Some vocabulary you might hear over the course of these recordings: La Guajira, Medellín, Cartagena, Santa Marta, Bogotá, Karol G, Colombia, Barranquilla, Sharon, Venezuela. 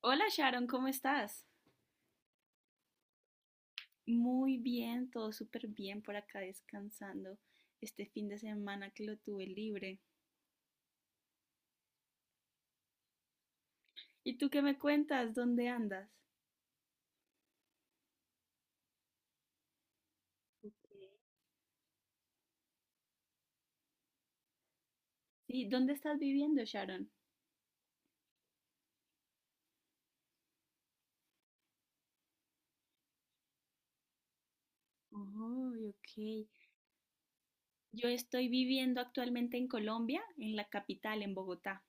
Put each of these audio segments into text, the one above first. Hola Sharon, ¿cómo estás? Muy bien, todo súper bien por acá descansando este fin de semana que lo tuve libre. ¿Y tú qué me cuentas? ¿Dónde andas? Sí, ¿dónde estás viviendo, Sharon? Oh, ok. Yo estoy viviendo actualmente en Colombia, en la capital, en Bogotá.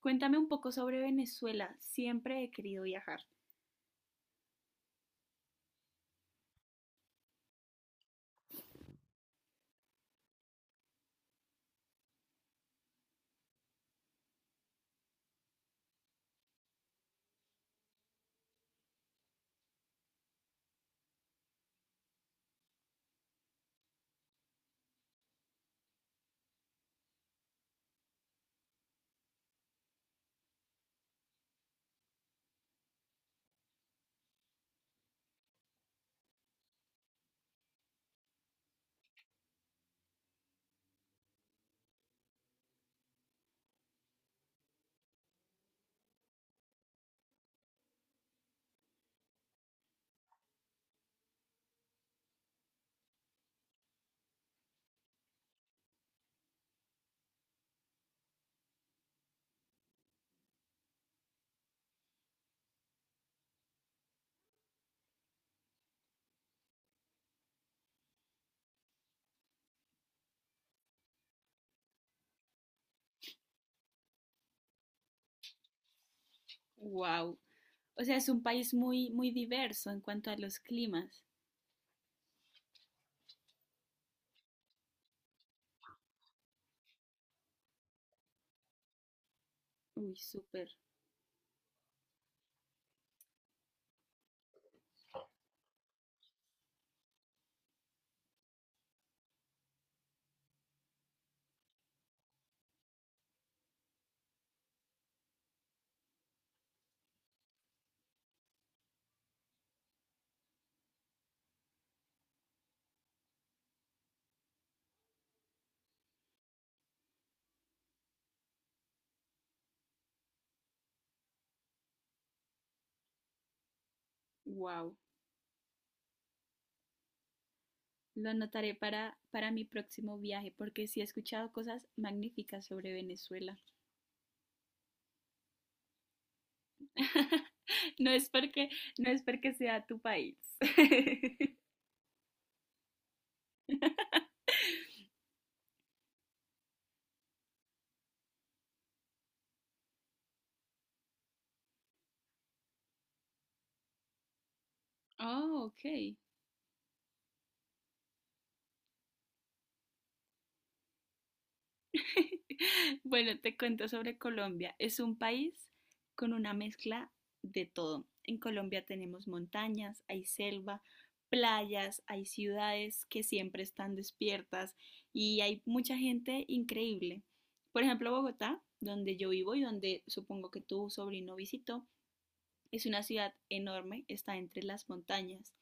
Cuéntame un poco sobre Venezuela. Siempre he querido viajar. Wow. O sea, es un país muy, muy diverso en cuanto a los climas. Uy, súper. Wow. Lo anotaré para mi próximo viaje, porque sí he escuchado cosas magníficas sobre Venezuela. No es porque, no es porque sea tu país. Oh, ok. Bueno, te cuento sobre Colombia. Es un país con una mezcla de todo. En Colombia tenemos montañas, hay selva, playas, hay ciudades que siempre están despiertas y hay mucha gente increíble. Por ejemplo, Bogotá, donde yo vivo y donde supongo que tu sobrino visitó, es una ciudad enorme, está entre las montañas.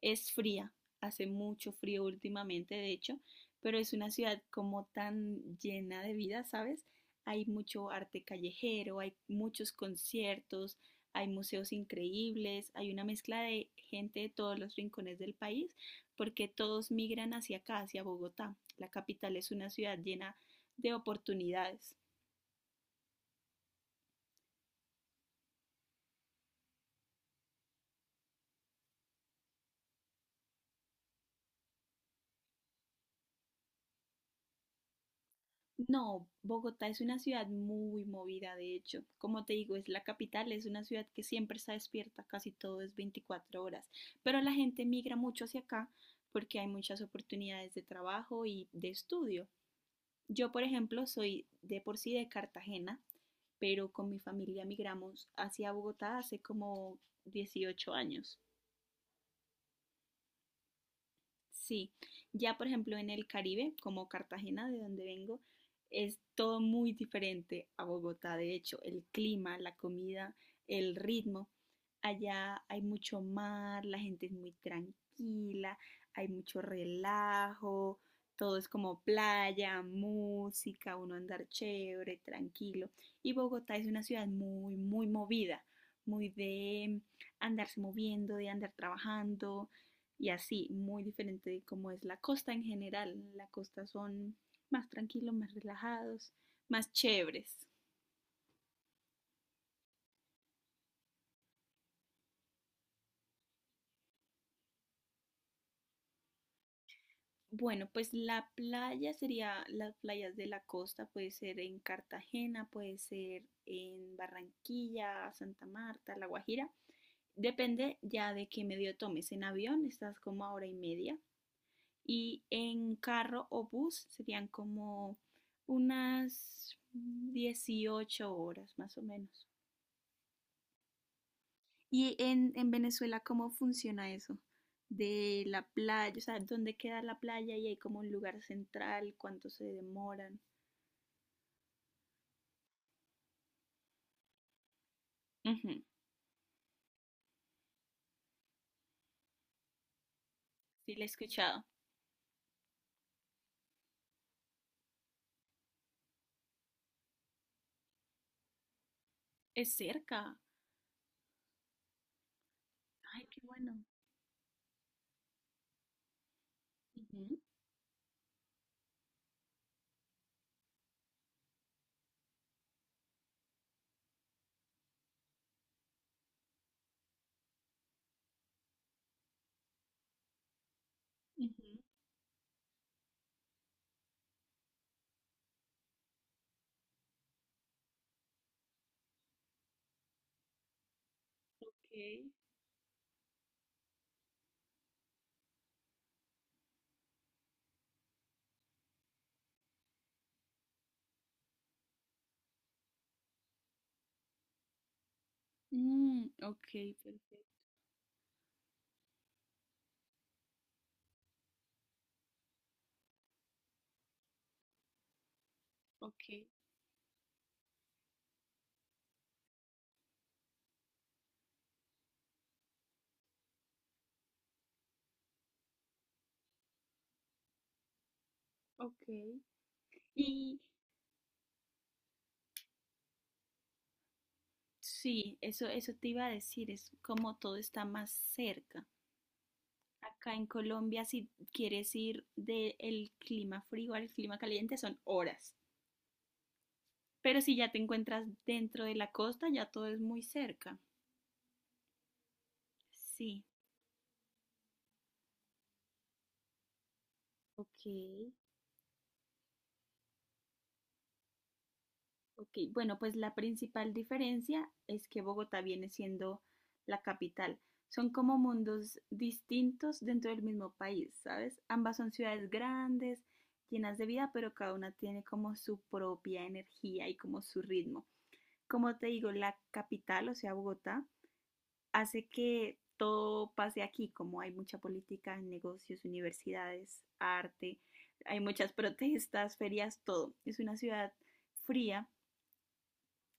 Es fría, hace mucho frío últimamente, de hecho, pero es una ciudad como tan llena de vida, ¿sabes? Hay mucho arte callejero, hay muchos conciertos, hay museos increíbles, hay una mezcla de gente de todos los rincones del país, porque todos migran hacia acá, hacia Bogotá. La capital es una ciudad llena de oportunidades. No, Bogotá es una ciudad muy movida, de hecho. Como te digo, es la capital, es una ciudad que siempre está despierta, casi todo es 24 horas. Pero la gente migra mucho hacia acá porque hay muchas oportunidades de trabajo y de estudio. Yo, por ejemplo, soy de por sí de Cartagena, pero con mi familia migramos hacia Bogotá hace como 18 años. Sí, ya por ejemplo en el Caribe, como Cartagena, de donde vengo, es todo muy diferente a Bogotá. De hecho, el clima, la comida, el ritmo. Allá hay mucho mar, la gente es muy tranquila, hay mucho relajo, todo es como playa, música, uno andar chévere, tranquilo. Y Bogotá es una ciudad muy, muy movida, muy de andarse moviendo, de andar trabajando y así, muy diferente de cómo es la costa en general. La costa son más tranquilos, más relajados, más chéveres. Bueno, pues la playa sería las playas de la costa, puede ser en Cartagena, puede ser en Barranquilla, Santa Marta, La Guajira. Depende ya de qué medio tomes. En avión estás como a hora y media y en carro o bus serían como unas 18 horas más o menos. Y en Venezuela, ¿cómo funciona eso? De la playa, o sea, ¿dónde queda la playa y hay como un lugar central? ¿Cuánto se demoran? Ujú. Sí, la he escuchado. Es cerca. Ay, qué bueno. Ujú, ujú. Ok. Mm, ok, perfecto. Ok, ok. Y sí, eso te iba a decir, es como todo está más cerca. Acá en Colombia, si quieres ir del clima frío al clima caliente, son horas. Pero si ya te encuentras dentro de la costa, ya todo es muy cerca. Sí, ok, ok. Bueno, pues la principal diferencia es que Bogotá viene siendo la capital. Son como mundos distintos dentro del mismo país, ¿sabes? Ambas son ciudades grandes, llenas de vida, pero cada una tiene como su propia energía y como su ritmo. Como te digo, la capital, o sea, Bogotá, hace que todo pase aquí, como hay mucha política, negocios, universidades, arte, hay muchas protestas, ferias, todo. Es una ciudad fría,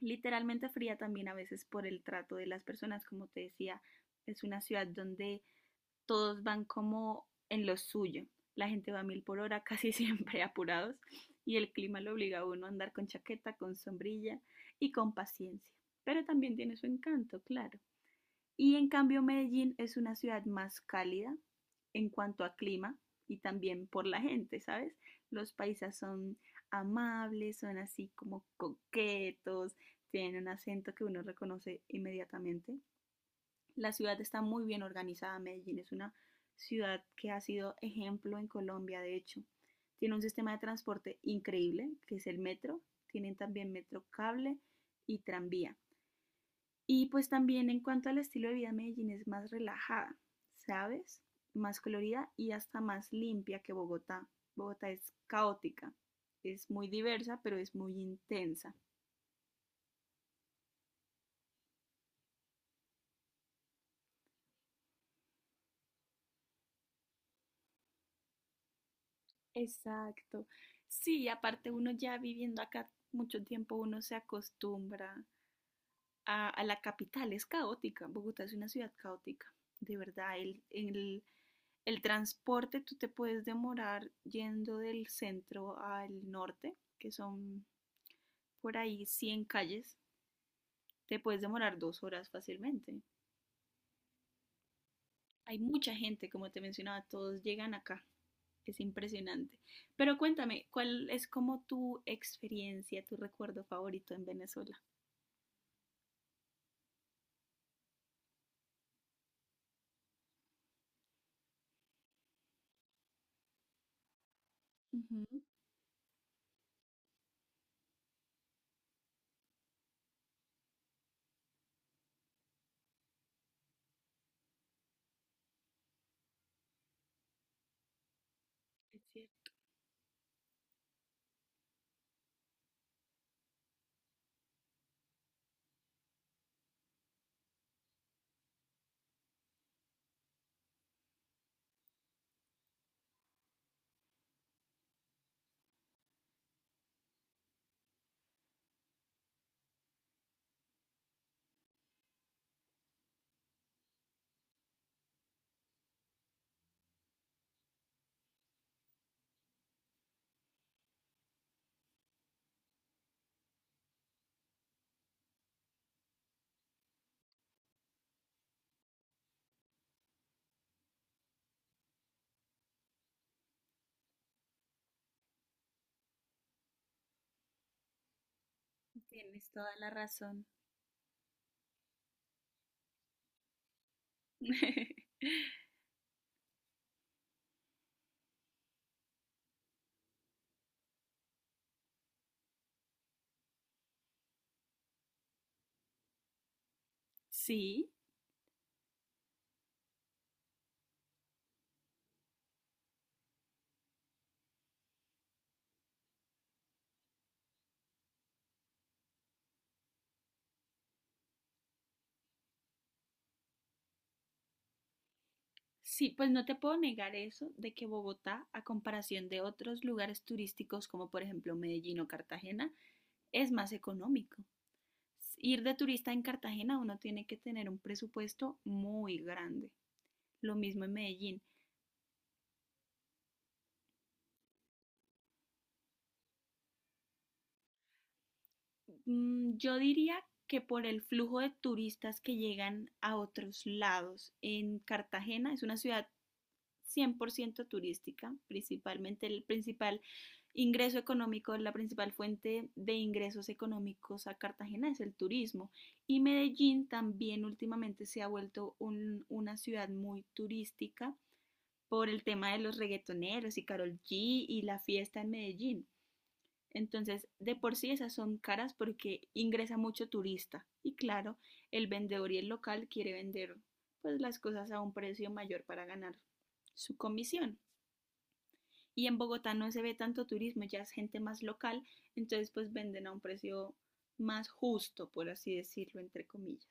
literalmente fría también a veces por el trato de las personas, como te decía, es una ciudad donde todos van como en lo suyo. La gente va a mil por hora, casi siempre apurados, y el clima lo obliga a uno a andar con chaqueta, con sombrilla y con paciencia. Pero también tiene su encanto, claro. Y en cambio Medellín es una ciudad más cálida en cuanto a clima y también por la gente, ¿sabes? Los paisas son amables, son así como coquetos, tienen un acento que uno reconoce inmediatamente. La ciudad está muy bien organizada, Medellín es una ciudad que ha sido ejemplo en Colombia, de hecho. Tiene un sistema de transporte increíble, que es el metro, tienen también metro cable y tranvía. Y pues también en cuanto al estilo de vida, Medellín es más relajada, ¿sabes? Más colorida y hasta más limpia que Bogotá. Bogotá es caótica, es muy diversa, pero es muy intensa. Exacto. Sí, aparte uno ya viviendo acá mucho tiempo, uno se acostumbra a la capital, es caótica. Bogotá es una ciudad caótica, de verdad. El transporte, tú te puedes demorar yendo del centro al norte, que son por ahí 100 calles, te puedes demorar 2 horas fácilmente. Hay mucha gente, como te mencionaba, todos llegan acá. Es impresionante. Pero cuéntame, ¿cuál es como tu experiencia, tu recuerdo favorito en Venezuela? Ujú, es cierto, tienes toda la razón. Sí, sí, pues no te puedo negar eso de que Bogotá, a comparación de otros lugares turísticos como por ejemplo Medellín o Cartagena, es más económico. Ir de turista en Cartagena uno tiene que tener un presupuesto muy grande. Lo mismo en Medellín. Mm, yo diría que por el flujo de turistas que llegan a otros lados, en Cartagena es una ciudad 100% turística, principalmente el principal ingreso económico, la principal fuente de ingresos económicos a Cartagena es el turismo. Y Medellín también últimamente se ha vuelto una ciudad muy turística por el tema de los reggaetoneros y Karol G y la fiesta en Medellín. Entonces, de por sí esas son caras porque ingresa mucho turista. Y claro, el vendedor y el local quiere vender pues las cosas a un precio mayor para ganar su comisión. Y en Bogotá no se ve tanto turismo, ya es gente más local, entonces pues venden a un precio más justo, por así decirlo, entre comillas.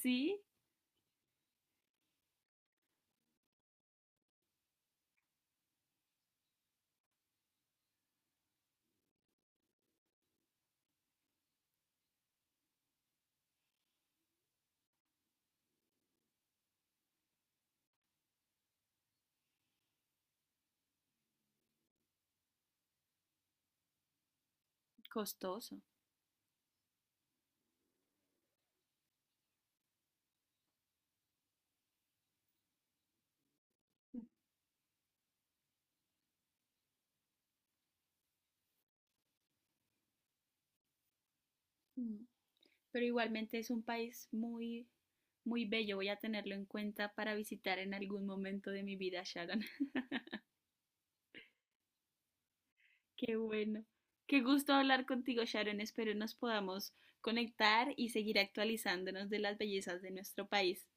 Sí, costoso. Mm, pero igualmente es un país muy, muy bello. Voy a tenerlo en cuenta para visitar en algún momento de mi vida, Sharon. Qué bueno. Qué gusto hablar contigo, Sharon. Espero nos podamos conectar y seguir actualizándonos de las bellezas de nuestro país.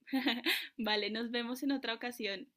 Vale, nos vemos en otra ocasión.